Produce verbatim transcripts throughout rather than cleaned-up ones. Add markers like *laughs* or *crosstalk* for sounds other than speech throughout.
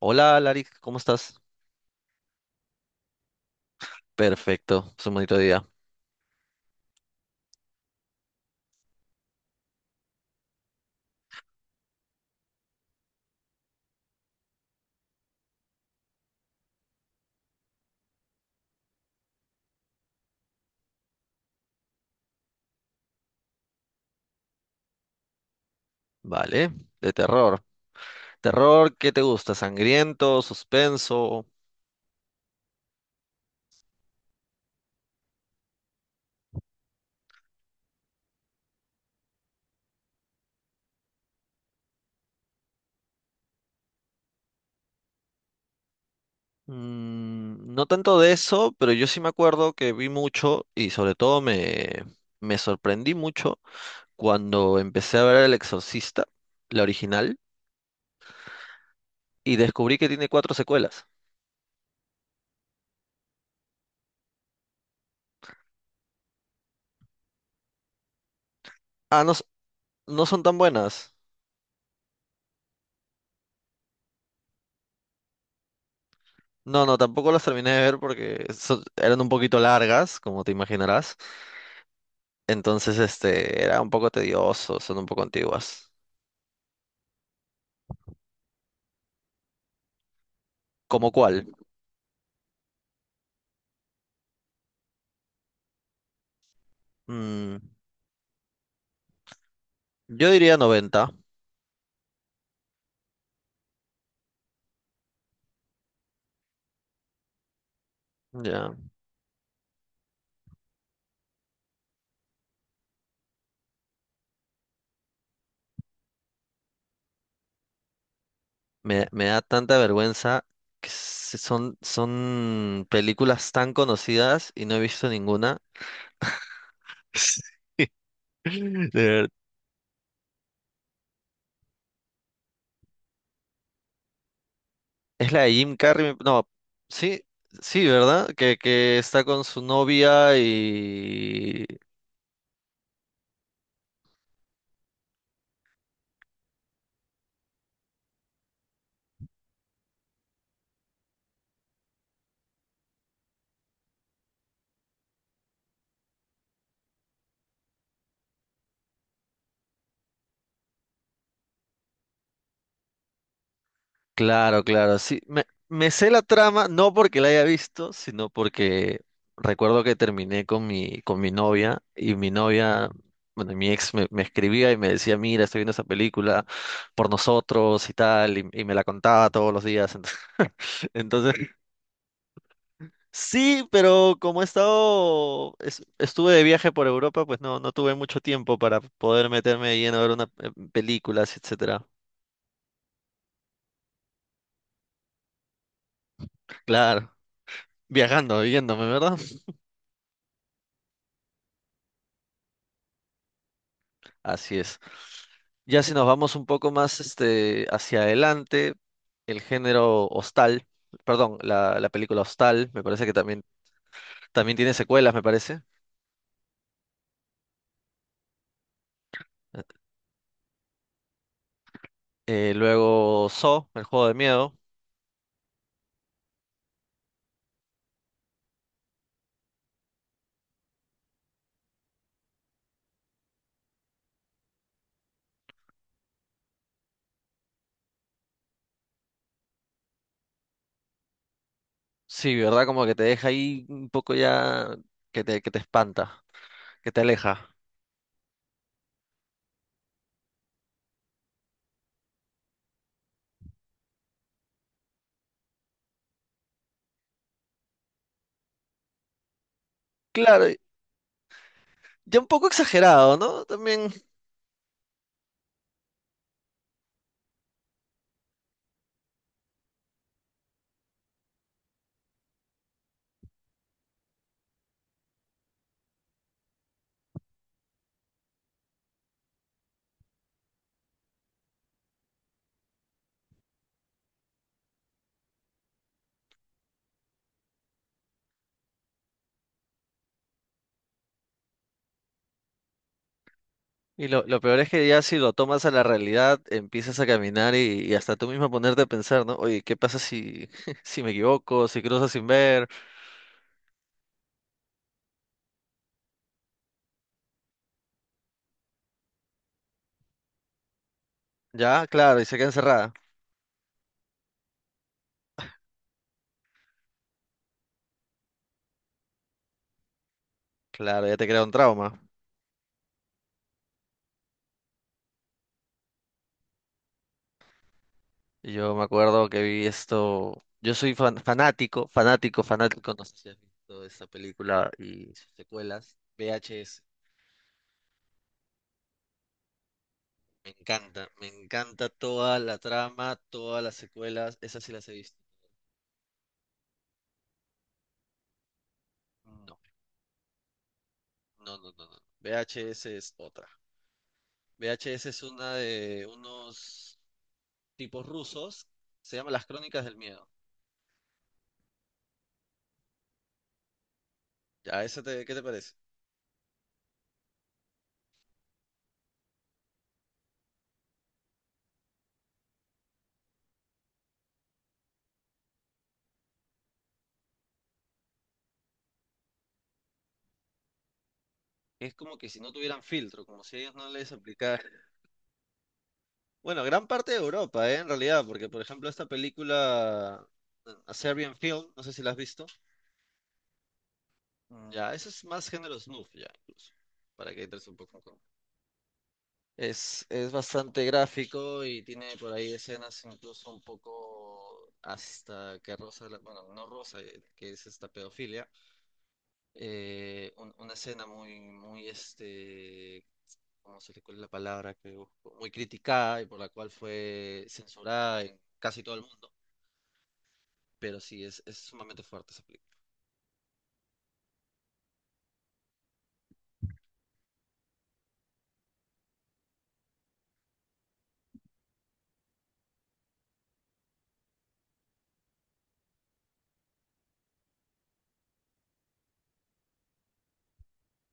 Hola, Larix, ¿cómo estás? Perfecto, es un bonito día. Vale, de terror. ¿Terror qué te gusta? ¿Sangriento? ¿Suspenso? Mm, no tanto de eso, pero yo sí me acuerdo que vi mucho y sobre todo me, me sorprendí mucho cuando empecé a ver El Exorcista, la original, y descubrí que tiene cuatro secuelas. Ah, no, s- no son tan buenas. No, no, tampoco las terminé de ver porque son- eran un poquito largas, como te imaginarás. Entonces, este, era un poco tedioso, son un poco antiguas. ¿Cómo cuál? Mm, yo diría noventa. Ya. Me, me da tanta vergüenza que se- son, son películas tan conocidas y no he visto ninguna. *laughs* De ver- Es la de Jim Carrey, no, sí, sí, ¿verdad? Que, que está con su novia y claro, claro, sí. Me, me sé la trama, no porque la haya visto, sino porque recuerdo que terminé con mi, con mi novia y mi novia, bueno, mi ex me, me escribía y me decía, mira, estoy viendo esa película por nosotros y tal, y, y me la contaba todos los días. Entonces, *laughs* entonces, sí, pero como he estado, es- estuve de viaje por Europa, pues no, no tuve mucho tiempo para poder meterme de lleno a ver una eh, películas, etcétera. Claro, viajando, yéndome, ¿verdad? Así es. Ya si nos vamos un poco más este, hacia adelante, el género Hostal, perdón, la, la película Hostal, me parece que también, también tiene secuelas, me parece. Eh, luego Saw, el juego de miedo. Sí, ¿verdad? Como que te deja ahí un poco ya que te, que te espanta, que te aleja. Claro, y- ya un poco exagerado, ¿no? También y lo, lo peor es que ya si lo tomas a la realidad, empiezas a caminar y, y hasta tú mismo a ponerte a pensar, ¿no? Oye, ¿qué pasa si, *laughs* si me equivoco, si cruzo sin ver? Ya, claro, y se queda encerrada. Claro, ya te crea un trauma. Y yo me acuerdo que vi esto, yo soy fan- fanático, fanático, fanático, no sé si has visto esta película y sus secuelas, V H S. Me encanta, me encanta toda la trama, todas las secuelas, esas sí las he visto. No, no, no, no, no. V H S es otra. V H S es una de unos tipos rusos, se llama Las Crónicas del Miedo. ¿Ya esa te, qué te parece? Es como que si no tuvieran filtro, como si ellos no les aplicaran... Bueno, gran parte de Europa, ¿eh? En realidad, porque por ejemplo esta película, A Serbian Film, no sé si la has visto. Mm. Ya, eso es más género snuff, ya, incluso, para que entres un poco con- Es, es bastante gráfico y tiene por ahí escenas incluso un poco hasta que rosa, la- bueno, no rosa, eh, que es esta pedofilia. Eh, un- una escena muy, muy, este, ¿cómo se le cuál es la palabra que busco? Muy criticada y por la cual fue censurada en casi todo el mundo. Pero sí, es, es sumamente fuerte esa película.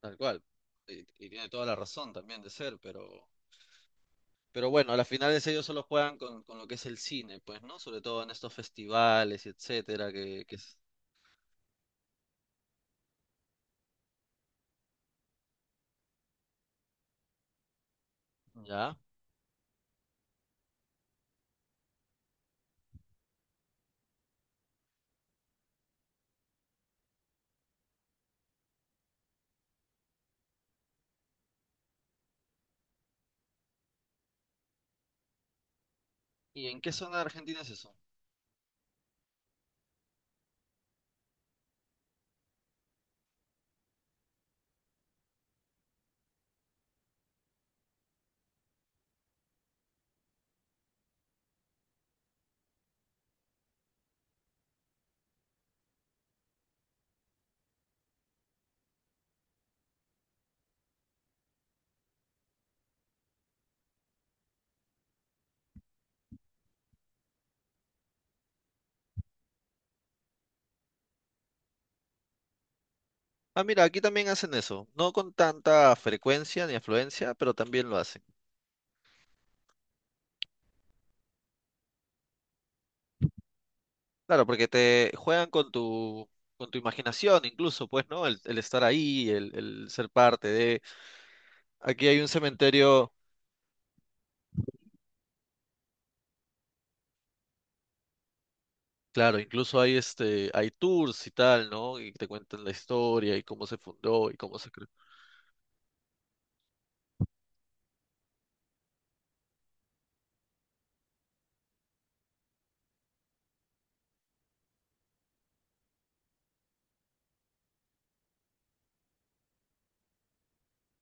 Tal cual. Y, y tiene toda la razón también de ser, pero, pero bueno, a las finales ellos solo juegan con, con lo que es el cine, pues, ¿no? Sobre todo en estos festivales y etcétera, que, que es... ¿Ya? ¿Y en qué zona de Argentina es eso? Ah, mira, aquí también hacen eso. No con tanta frecuencia ni afluencia, pero también lo hacen. Claro, porque te juegan con tu, con tu imaginación incluso, pues, ¿no? El, el estar ahí, el, el ser parte de... Aquí hay un cementerio, claro, incluso hay este, hay tours y tal, ¿no? Y te cuentan la historia y cómo se fundó y cómo se creó.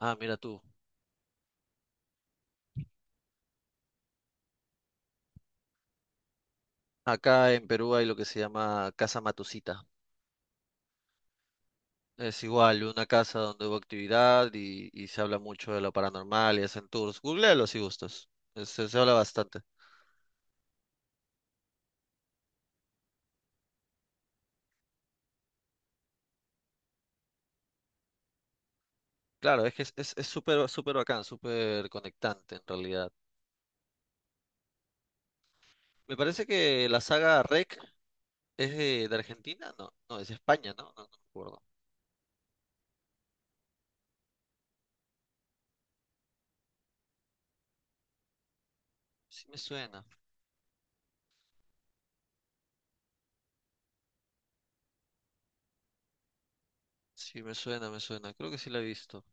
Ah, mira tú. Acá en Perú hay lo que se llama Casa Matusita. Es igual, una casa donde hubo actividad y, y se habla mucho de lo paranormal y hacen tours. Googlealo si gustas. Es- Se, se habla bastante. Claro, es que es es- es súper, súper bacán, súper conectante en realidad. Me parece que la saga R E C es de, de Argentina, no, no, es de España, ¿no? No, no me acuerdo. Sí me suena, sí me suena, me suena, creo que sí la he visto.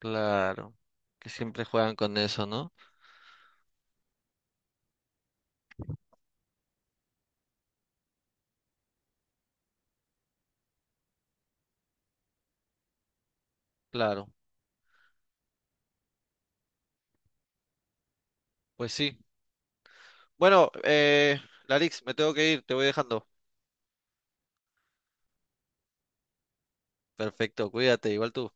Claro, que siempre juegan con eso, ¿no? Claro, pues sí. Bueno, eh, Larix, me tengo que ir, te voy dejando. Perfecto, cuídate, igual tú.